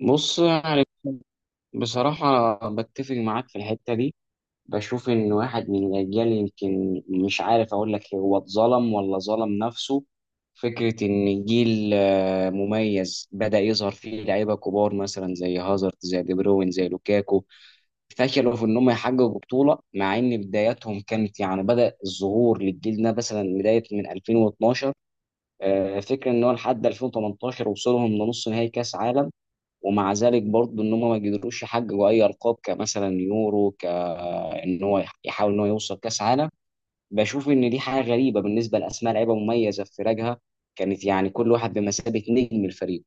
بص، بصراحة بتفق معاك في الحتة دي. بشوف إن واحد من الأجيال، يمكن مش عارف أقول لك هو اتظلم ولا ظلم نفسه. فكرة إن جيل مميز بدأ يظهر فيه لعيبة كبار مثلا زي هازارد زي دي بروين زي لوكاكو، فشلوا في إن هم يحققوا بطولة مع إن بداياتهم كانت، يعني بدأ الظهور للجيل ده مثلا بداية من 2012. فكرة إن هو لحد 2018 وصلهم لنص نهائي كأس عالم، ومع ذلك برضه ان هم ما قدروش يحققوا اي القاب كمثلا يورو، كان هو يحاول ان هو يوصل كاس عالم. بشوف ان دي حاجه غريبه بالنسبه لاسماء لعيبه مميزه في فرقها، كانت يعني كل واحد بمثابه نجم الفريق.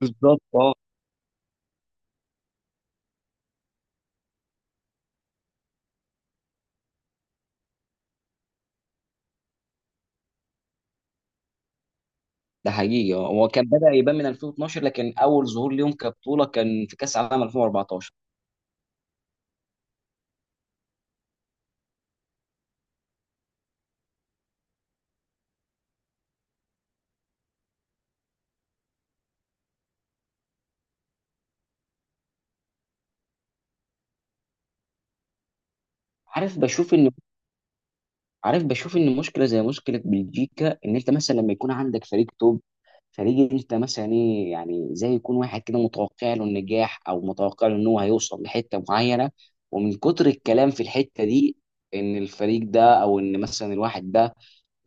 بالظبط، اه. ده حقيقي، هو كان بدأ يبان من 2012 لكن اول ظهور ليهم كبطوله كان في كاس عالم 2014. عارف بشوف ان عارف بشوف ان مشكله زي مشكله بلجيكا، ان انت مثلا لما يكون عندك فريق توب، فريق انت مثلا ايه يعني، زي يكون واحد كده متوقع له النجاح او متوقع له ان هو هيوصل لحته معينه، ومن كتر الكلام في الحته دي ان الفريق ده او ان مثلا الواحد ده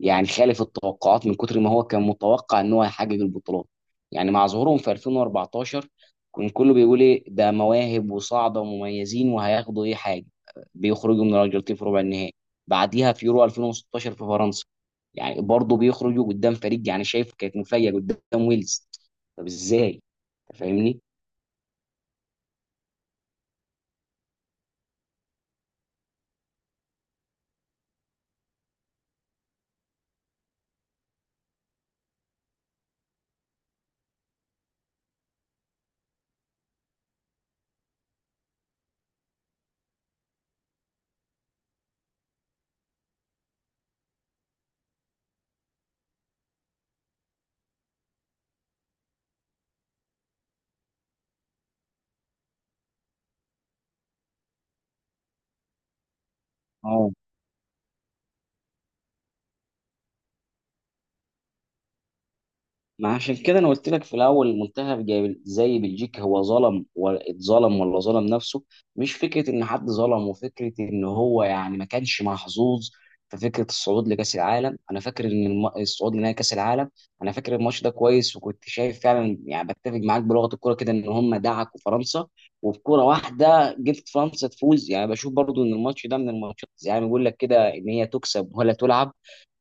يعني خالف التوقعات، من كتر ما هو كان متوقع ان هو هيحقق البطولات. يعني مع ظهورهم في 2014 كان كله بيقول ايه ده، مواهب وصاعده ومميزين وهياخدوا ايه حاجه. بيخرجوا من الارجنتين في ربع النهائي، بعديها في يورو 2016 في فرنسا يعني برضه بيخرجوا قدام فريق، يعني شايف كانت مفاجاه قدام ويلز. طب ازاي؟ أنت فاهمني؟ ما عشان كده انا قلت لك في الاول، منتخب زي بلجيكا هو ظلم ولا اتظلم ولا ظلم نفسه. مش فكره ان حد ظلم، وفكره ان هو يعني ما كانش محظوظ في فكره الصعود لكاس العالم. انا فاكر ان الصعود لنهائي كاس العالم، انا فاكر الماتش ده كويس، وكنت شايف فعلا، يعني بتفق معاك بلغه الكوره كده ان هم دعكوا فرنسا، وبكوره واحده جبت فرنسا تفوز. يعني بشوف برضو ان الماتش ده من الماتشات يعني بيقول لك كده ان هي تكسب ولا تلعب.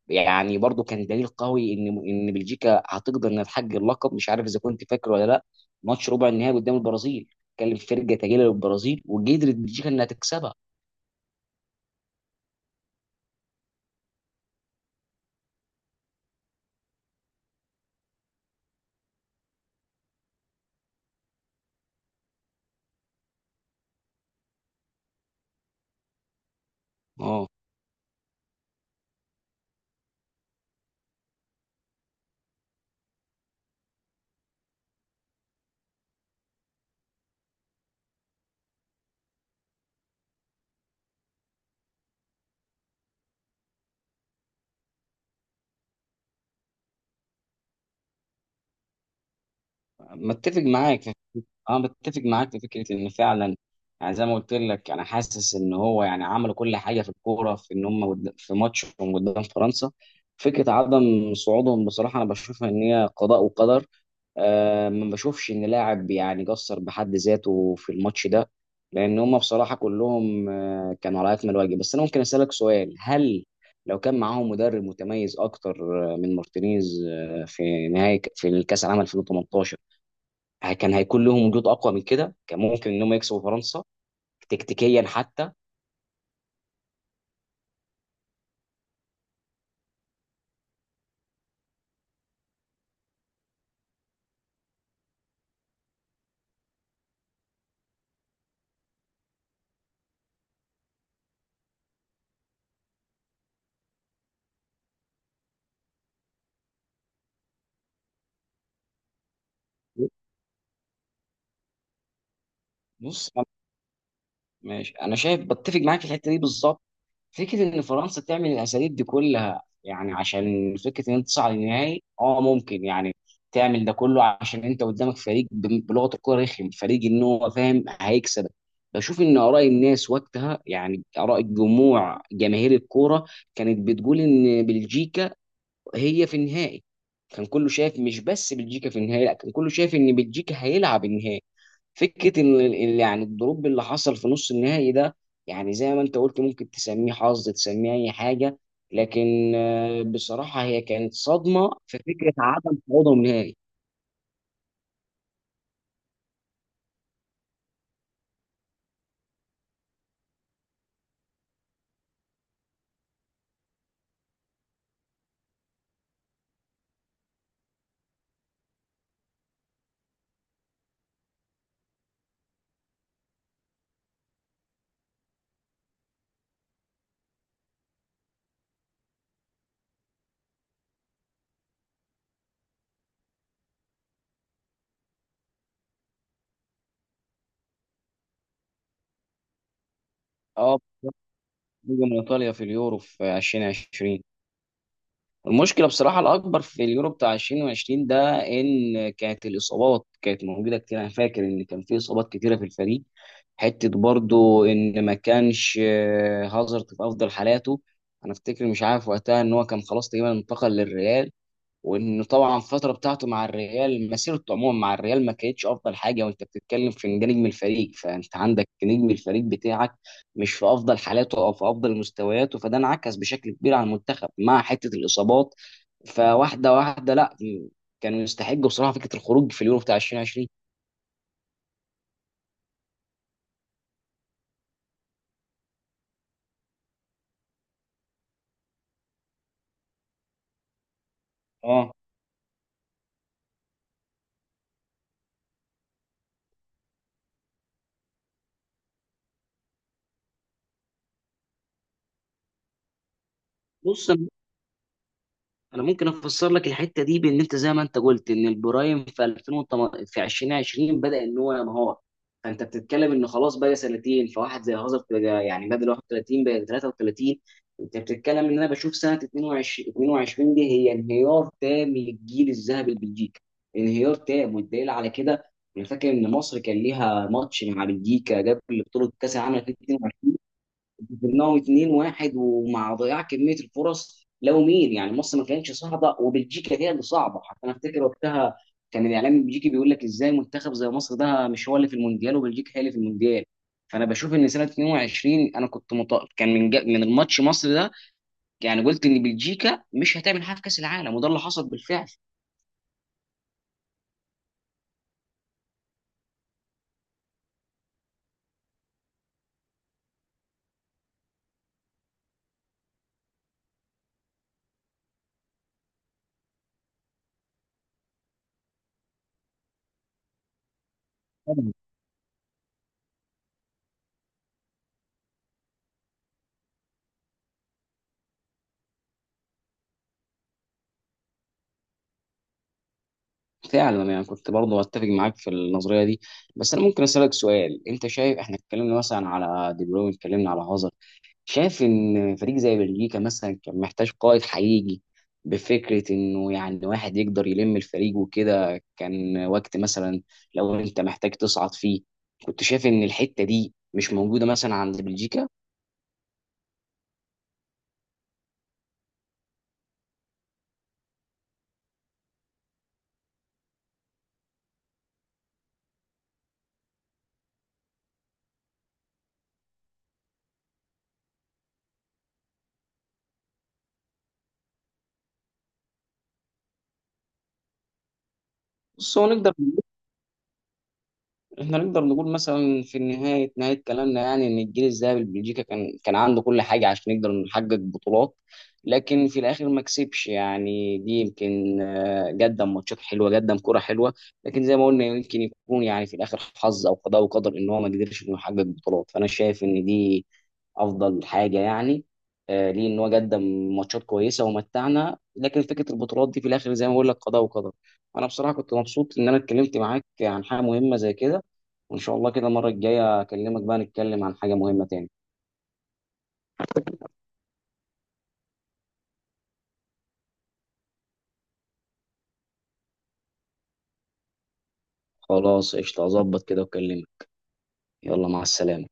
يعني برضو كان دليل قوي ان بلجيكا هتقدر انها تحقق اللقب. مش عارف اذا كنت فاكر ولا لا، ماتش ربع النهائي قدام البرازيل كان فرقه تقيله للبرازيل وقدرت بلجيكا انها تكسبها. اه متفق معاك في- اه، متفق معاك في فكره ان فعلا، يعني زي ما قلت لك انا حاسس ان هو، يعني عملوا كل حاجه في الكوره في ان هم في ماتشهم قدام فرنسا. فكره عدم صعودهم بصراحه انا بشوفها ان هي قضاء وقدر. ما بشوفش ان لاعب يعني قصر بحد ذاته في الماتش ده، لان هم بصراحه كلهم كانوا على اكمل وجه. بس انا ممكن اسالك سؤال؟ هل لو كان معاهم مدرب متميز اكتر من مارتينيز في نهايه في الكاس العالم 2018، كان هيكون لهم وجود اقوى من كده؟ كان ممكن ان هم يكسبوا فرنسا تكتيكيا حتى؟ بص أنا- ماشي، انا شايف بتفق معاك في الحته دي بالظبط. فكرة إن فرنسا تعمل الأساليب دي كلها، يعني عشان فكرة إن أنت تصعد النهائي ممكن يعني تعمل ده كله عشان أنت قدامك فريق بلغة الكورة رخم، فريق إن هو فاهم هيكسبك. بشوف إن آراء الناس وقتها، يعني آراء الجموع جماهير الكورة، كانت بتقول إن بلجيكا هي في النهائي. كان كله شايف، مش بس بلجيكا في النهائي، لا، كان كله شايف إن بلجيكا هيلعب النهائي. فكره ان يعني الدروب اللي حصل في نص النهائي ده، يعني زي ما انت قلت ممكن تسميه حظ، تسميه اي حاجه، لكن بصراحه هي كانت صدمه في فكره عدم صعودهم نهائي. اه. خروجهم من ايطاليا في اليورو في 2020، المشكلة بصراحة الأكبر في اليورو بتاع 2020 ده إن كانت الإصابات كانت موجودة كتير. أنا فاكر إن كان في إصابات كتيرة في الفريق، حتة برضو إن ما كانش هازارد في أفضل حالاته. أنا أفتكر، مش عارف وقتها، إن هو كان خلاص تقريبا انتقل للريال، وانه طبعا الفتره بتاعته مع الريال، مسيرته عموما مع الريال، ما كانتش افضل حاجه. وانت بتتكلم في إن ده نجم الفريق، فانت عندك نجم الفريق بتاعك مش في افضل حالاته او في افضل مستوياته، فده انعكس بشكل كبير على المنتخب مع حته الاصابات. فواحده واحده، لا، كان يستحق بصراحه فكره الخروج في اليورو بتاع 2020. اه. بص انا ممكن افسر لك الحته دي بان انت زي ما انت قلت ان البرايم في 2018 في 2020 بدا ان هو ينهار. فانت بتتكلم ان خلاص بقى سنتين، فواحد زي هازارد بقى يعني بدل 31 بقى 33. انت بتتكلم ان، انا بشوف سنه 22 دي هي انهيار تام للجيل الذهبي البلجيكي، انهيار تام. والدليل على كده، انا فاكر ان مصر كان ليها ماتش مع بلجيكا قبل بطوله كاس العالم 2022. كسبناهم 2-1، ومع ضياع كميه الفرص، لو مين يعني، مصر ما كانتش صعبه وبلجيكا هي اللي صعبه. حتى انا افتكر وقتها كان الاعلام البلجيكي بيقول لك ازاي منتخب زي مصر ده مش هو اللي في المونديال وبلجيكا هي اللي في المونديال. فانا بشوف ان سنه 22 انا كنت كان من من الماتش مصر ده، يعني قلت ان بلجيكا مش هتعمل حاجه في كاس العالم، وده اللي حصل بالفعل. طبعاً. فعلا يعني كنت برضه اتفق معاك في النظريه دي. بس انا ممكن اسالك سؤال، انت شايف احنا اتكلمنا مثلا على دي بروين، اتكلمنا على هازارد، شايف ان فريق زي بلجيكا مثلا كان محتاج قائد حقيقي، بفكره انه يعني واحد يقدر يلم الفريق وكده؟ كان وقت مثلا لو انت محتاج تصعد فيه، كنت شايف ان الحته دي مش موجوده مثلا عند بلجيكا؟ بس هو احنا نقدر نقول مثلا في نهاية كلامنا، يعني ان الجيل الذهبي لبلجيكا كان عنده كل حاجة عشان يقدر نحقق بطولات، لكن في الاخر ما كسبش. يعني دي يمكن، قدم ماتشات حلوة، قدم كرة حلوة، لكن زي ما قلنا يمكن يكون يعني في الاخر حظ او قضاء وقدر ان هو ما قدرش انه يحقق بطولات. فانا شايف ان دي افضل حاجه يعني، ليه ان هو قدم ماتشات كويسه ومتعنا، لكن فكره البطولات دي في الاخر زي ما بقول لك قضاء وقدر. انا بصراحه كنت مبسوط ان انا اتكلمت معاك عن حاجه مهمه زي كده، وان شاء الله كده المره الجايه اكلمك بقى، نتكلم عن حاجه مهمه تاني. خلاص، قشطه، اظبط كده واكلمك. يلا، مع السلامه.